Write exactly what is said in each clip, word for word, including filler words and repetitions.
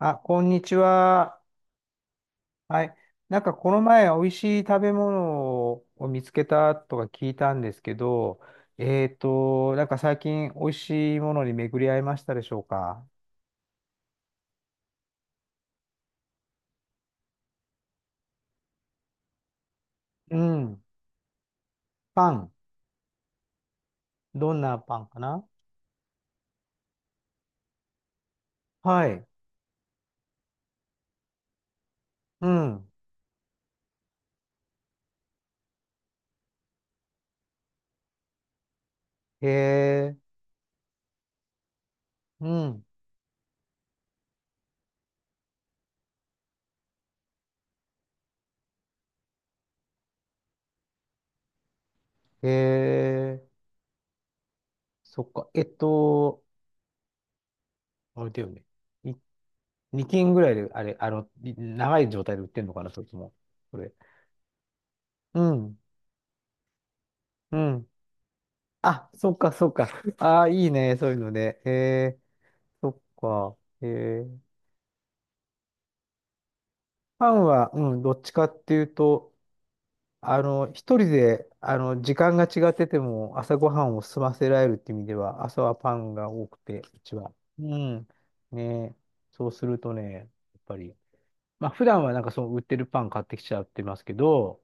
あ、こんにちは。はい。なんかこの前、美味しい食べ物を見つけたとか聞いたんですけど、えっと、なんか最近美味しいものに巡り合いましたでしょうか？うん。パン。どんなパンかな？はい。うん。へえ。うん。へえ。そっか。えっと、あれだよね。いにきん斤ぐらいで、あれ、あの、い長い状態で売ってんのかな、それとも。これ。うん。うん。あ、そっか、そっか。ああ、いいね、そういうのでええ、そっか。ええ、パンは、うん、どっちかっていうと、あの、一人で、あの、時間が違ってても、朝ごはんを済ませられるって意味では、朝はパンが多くて、うちは。うん。ねえ、そうするとね、やっぱり、まあ、普段はなんかその売ってるパン買ってきちゃってますけど、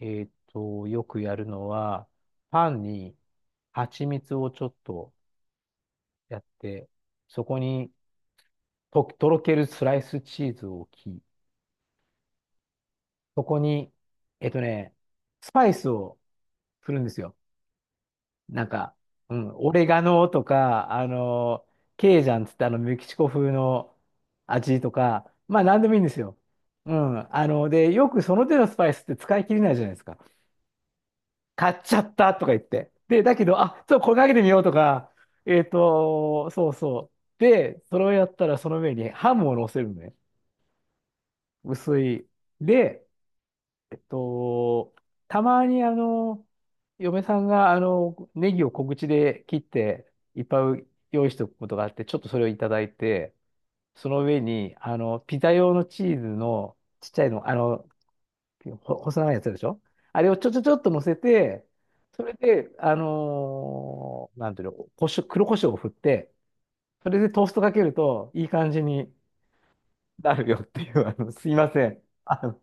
えっと、よくやるのは、パンに蜂蜜をちょっとやって、そこに、と、とろけるスライスチーズを置き、そこに、えっとね、スパイスをするんですよ。なんか、うん、オレガノとか、あの、ケイジャンつってあの、メキシコ風の味とか、まあ、なんでもいいんですよ。うん。あの、で、よくその手のスパイスって使い切れないじゃないですか。買っちゃったとか言って。で、だけど、あ、ちょっとこれかけてみようとか、えっと、そうそう。で、それをやったらその上にハムを乗せるのね。薄い。で、えっと、たまにあの、嫁さんがあの、ネギを小口で切っていっぱい用意しておくことがあって、ちょっとそれをいただいて、その上に、あの、ピザ用のチーズのちっちゃいの、あの、ほ細長いやつでしょ？あれをちょちょちょっと乗せて、それで、あのーなんていうの、こしょ黒胡椒を振って、それでトーストかけるといい感じになるよっていう、あの、すいません。あ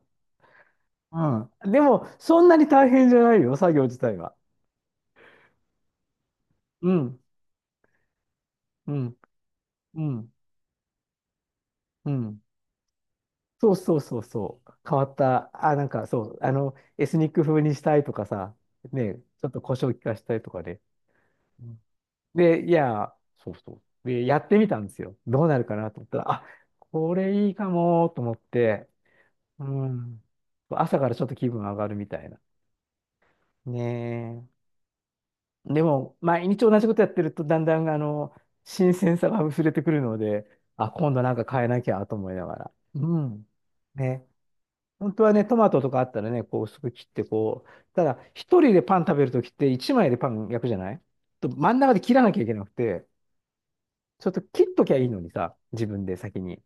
うん。でも、そんなに大変じゃないよ、作業自体は。うん、うん、うん、うん。そうそうそうそう。変わった、あ、なんかそう、あの、エスニック風にしたいとかさ、ね、ちょっと胡椒効かしたいとかね。うんで、いや、そうそう。で、やってみたんですよ。どうなるかなと思ったら、あ、これいいかもと思って、うん。朝からちょっと気分上がるみたいな。ねえ。でも、毎日同じことやってると、だんだん、あの、新鮮さが薄れてくるので、あ、今度なんか変えなきゃと思いながら。うん。ね。本当はね、トマトとかあったらね、こう薄く切って、こう、ただ、一人でパン食べるときって、一枚でパン焼くじゃない？と、真ん中で切らなきゃいけなくて、ちょっと切っときゃいいのにさ、自分で先に。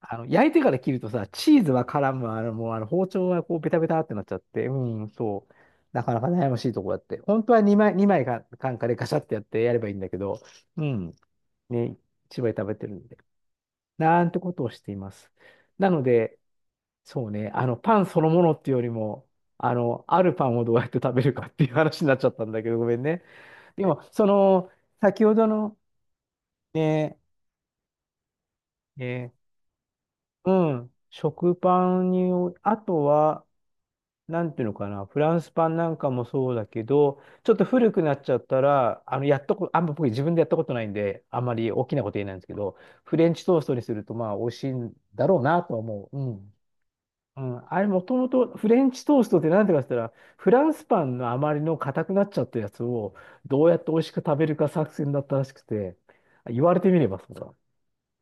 あの、焼いてから切るとさ、チーズは絡む、あの、もうあの包丁がこうベタベタってなっちゃって、うん、そう。なかなか悩ましいとこだって。本当はにまい、二枚か、カンカでガシャってやってやればいいんだけど、うん、ね、一枚食べてるんで。なんてことをしています。なので、そうね、あの、パンそのものっていうよりも、あの、あるパンをどうやって食べるかっていう話になっちゃったんだけど、ごめんね。でも、その、先ほどの、ね、ね、うん、食パンに、あとは、なんていうのかな、フランスパンなんかもそうだけど、ちょっと古くなっちゃったら、あの、やっとこ、あんま僕自分でやったことないんで、あんまり大きなこと言えないんですけど、フレンチトーストにすると、まあ、美味しいんだろうなとは思う。うん。うん、あれ、もともとフレンチトーストってなんていうかって言ったら、フランスパンのあまりの硬くなっちゃったやつを、どうやって美味しく食べるか作戦だったらしくて、言われてみればそうだ。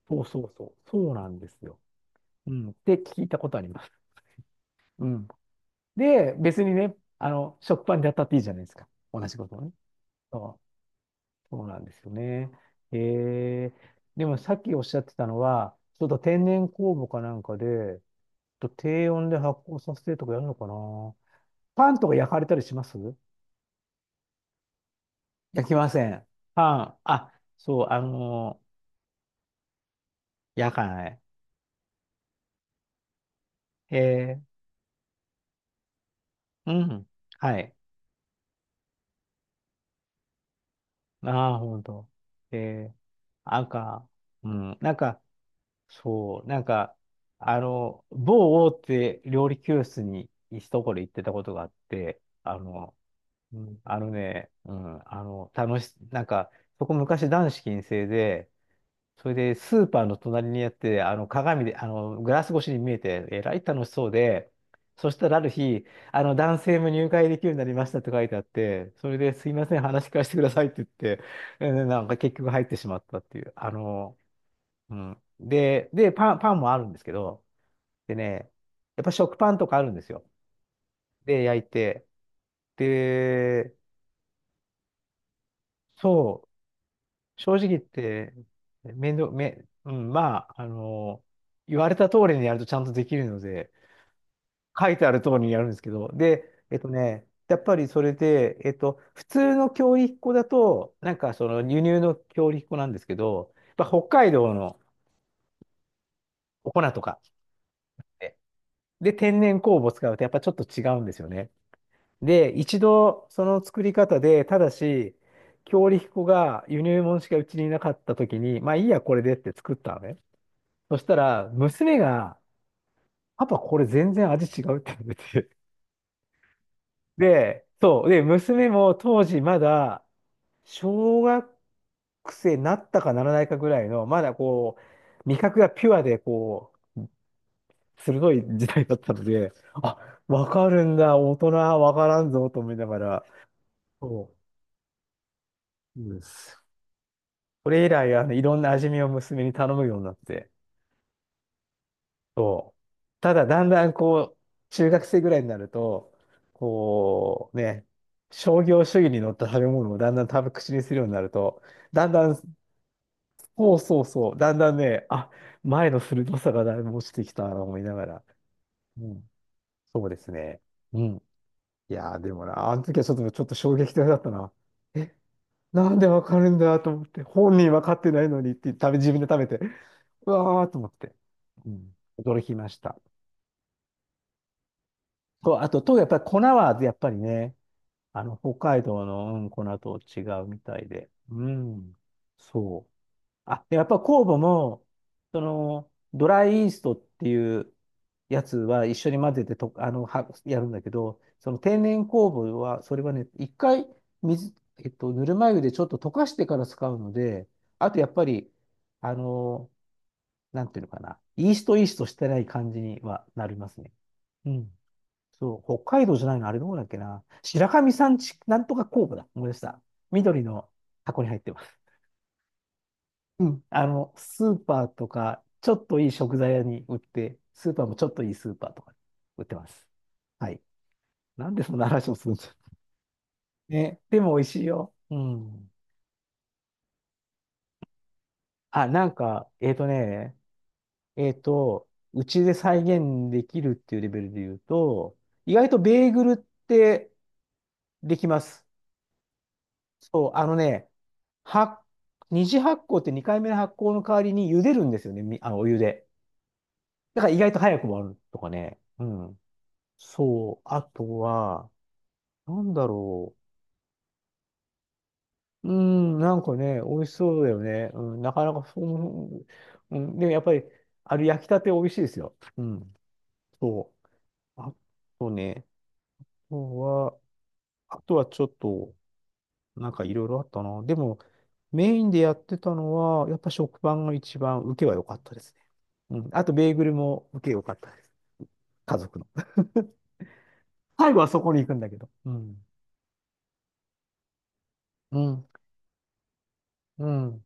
そうそうそう。そうなんですよ。うん。って聞いたことあります。うん。で、別にね、あの、食パンでやったっていいじゃないですか。同じことをね。そう、そうなんですよね。えー、でもさっきおっしゃってたのは、ちょっと天然酵母かなんかで、ちょっと低温で発酵させてとかやるのかな。パンとか焼かれたりします？焼きません。パン。あ、そう、あのー焼かない。えー、うん。はい。ああ、ほんと。ええなんか、うん、なんか、そう、なんか、あの、某大手料理教室に一ところ行ってたことがあって、あの、うん、あのね、うん、あの、楽し、なんか、そこ昔男子禁制で、それでスーパーの隣にあって、あの、鏡で、あの、グラス越しに見えて、えらい楽しそうで、そしたらある日、あの、男性も入会できるようになりましたって書いてあって、それですいません、話聞かせてくださいって言って、えーなんか結局入ってしまったっていう、あの、うん。で、で、パン、パンもあるんですけど、でね、やっぱ食パンとかあるんですよ。で、焼いて。で、そう、正直言って、面倒、め、うん、まあ、あの、言われた通りにやるとちゃんとできるので、書いてある通りにやるんですけど、で、えっとね、やっぱりそれで、えっと、普通の強力粉だと、なんかその輸入の強力粉なんですけど、やっぱ北海道のお粉とかって、で、天然酵母を使うとやっぱちょっと違うんですよね。で、一度その作り方で、ただし、強力粉が輸入物しかうちにいなかった時に、まあいいや、これでって作ったのね。そしたら、娘が、パパ、これ全然味違うって言われて。で、そう。で、娘も当時まだ、小学生になったかならないかぐらいの、まだこう、味覚がピュアで、こう、鋭い時代だったので、あ、わかるんだ、大人はわからんぞ、と思いながら。そう。うんそれ以来、あの、いろんな味見を娘に頼むようになって。そうただ、だんだんこう、中学生ぐらいになると、こう、ね、商業主義に乗った食べ物をだんだん食べ口にするようになると、だんだん、そうそうそう、だんだんね、あ、前の鋭さがだいぶ落ちてきたなと思いながら、うん、そうですね。うん。いやー、でもな、あの時はちょっと、ちょっと衝撃的だったな。えなんでわかるんだと思って、本人わかってないのにって食べ、自分で食べて、うわーと思って、うん、驚きました。と、あと、と、やっぱり粉は、やっぱりね、あの、北海道の、うん、粉と違うみたいで、うん、そう。あ、でやっぱ酵母も、その、ドライイーストっていうやつは一緒に混ぜてと、あの、は、やるんだけど、その天然酵母は、それはね、一回水、えっと、ぬるま湯でちょっと溶かしてから使うので、あとやっぱり、あの、なんていうのかな、イーストイーストしてない感じにはなりますね。うん。そう、北海道じゃないの、あれどこだっけな。白神山地、なんとか酵母だ。思い出した。緑の箱に入ってます。うん、あの、スーパーとか、ちょっといい食材屋に売って、スーパーもちょっといいスーパーとかに売ってます。はい。なんでそんな話をするんですか。ね。でも美味しいよ。うん。あ、なんか、えっとね、えっと、うちで再現できるっていうレベルで言うと、意外とベーグルってできます。そう、あのね、は、二次発酵ってにかいめの発酵の代わりに茹でるんですよね、みあのお湯で。だから意外と早くもあるとかね。うん。そう。あとは、なんだろう。うーん、なんかね、美味しそうだよね。うん、なかなかそう、うん、でもやっぱり、あれ焼きたて美味しいですよ。うん、そう。あとね、あとは、あとはちょっと、なんかいろいろあったな。でも、メインでやってたのは、やっぱ食パンが一番受けは良かったですね。うん、あと、ベーグルも受け良かったです。家族の。最後はそこに行くんだけど。うん。うん。うん。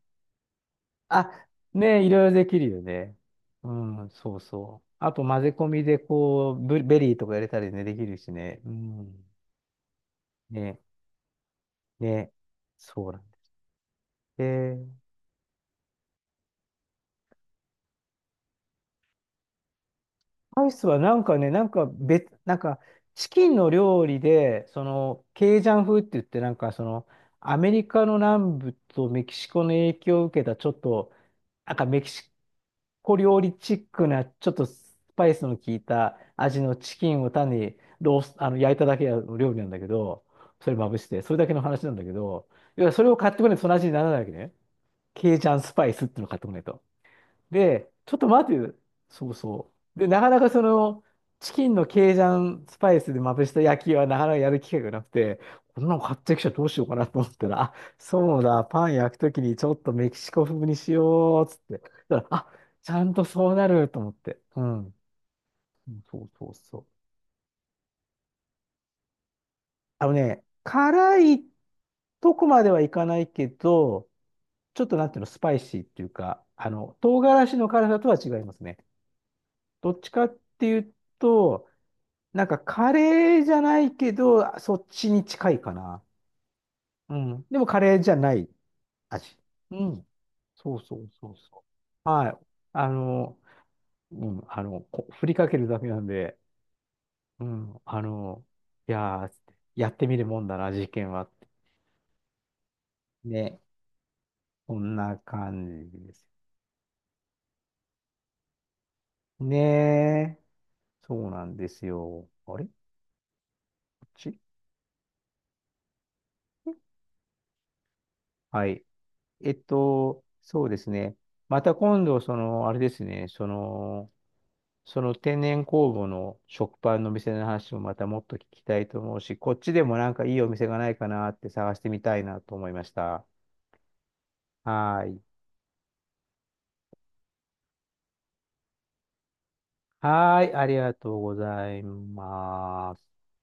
あ、ねえ、いろいろできるよね。うん、そうそう。あと混ぜ込みでこう、ブベリーとか入れたりね、できるしね。うん。ね、ね、そうなんだ。えアイスはなんかね、なんか別、なんかチキンの料理で、そのケイジャン風って言って、なんかそのアメリカの南部とメキシコの影響を受けたちょっと、なんかメキシコ料理チックな、ちょっとスパイスの効いた味のチキンを単にロース、あの焼いただけの料理なんだけど、それまぶして、それだけの話なんだけど、いやそれを買ってこないとその味にならないわけね。ケイジャンスパイスっていうのを買ってこないと。で、ちょっと待てよ、そうそう。で、なかなかその、チキンのケイジャンスパイスでまぶした焼きはなかなかやる機会がなくて、こんなの買ってきちゃどうしようかなと思ったら、あ、そうだ、パン焼くときにちょっとメキシコ風にしようっつって。だから、あ、ちゃんとそうなると思って。うん。そうそうそう。あのね、辛いとこまではいかないけど、ちょっとなんていうの、スパイシーっていうか、あの、唐辛子の辛さとは違いますね。どっちかっていうと、なんかカレーじゃないけど、そっちに近いかな。うん。でもカレーじゃない味。うん。そうそうそうそう。はい。あの、うん、あの、こ振りかけるだけなんで、うん、あの、いやー、やってみるもんだな、事件は。ね。こんな感じです。ねえ。そうなんですよ。あれこっちはい。えっと、そうですね。また今度、その、あれですね、その、その天然酵母の食パンのお店の話もまたもっと聞きたいと思うし、こっちでもなんかいいお店がないかなって探してみたいなと思いました。はーい。はーい、ありがとうございます。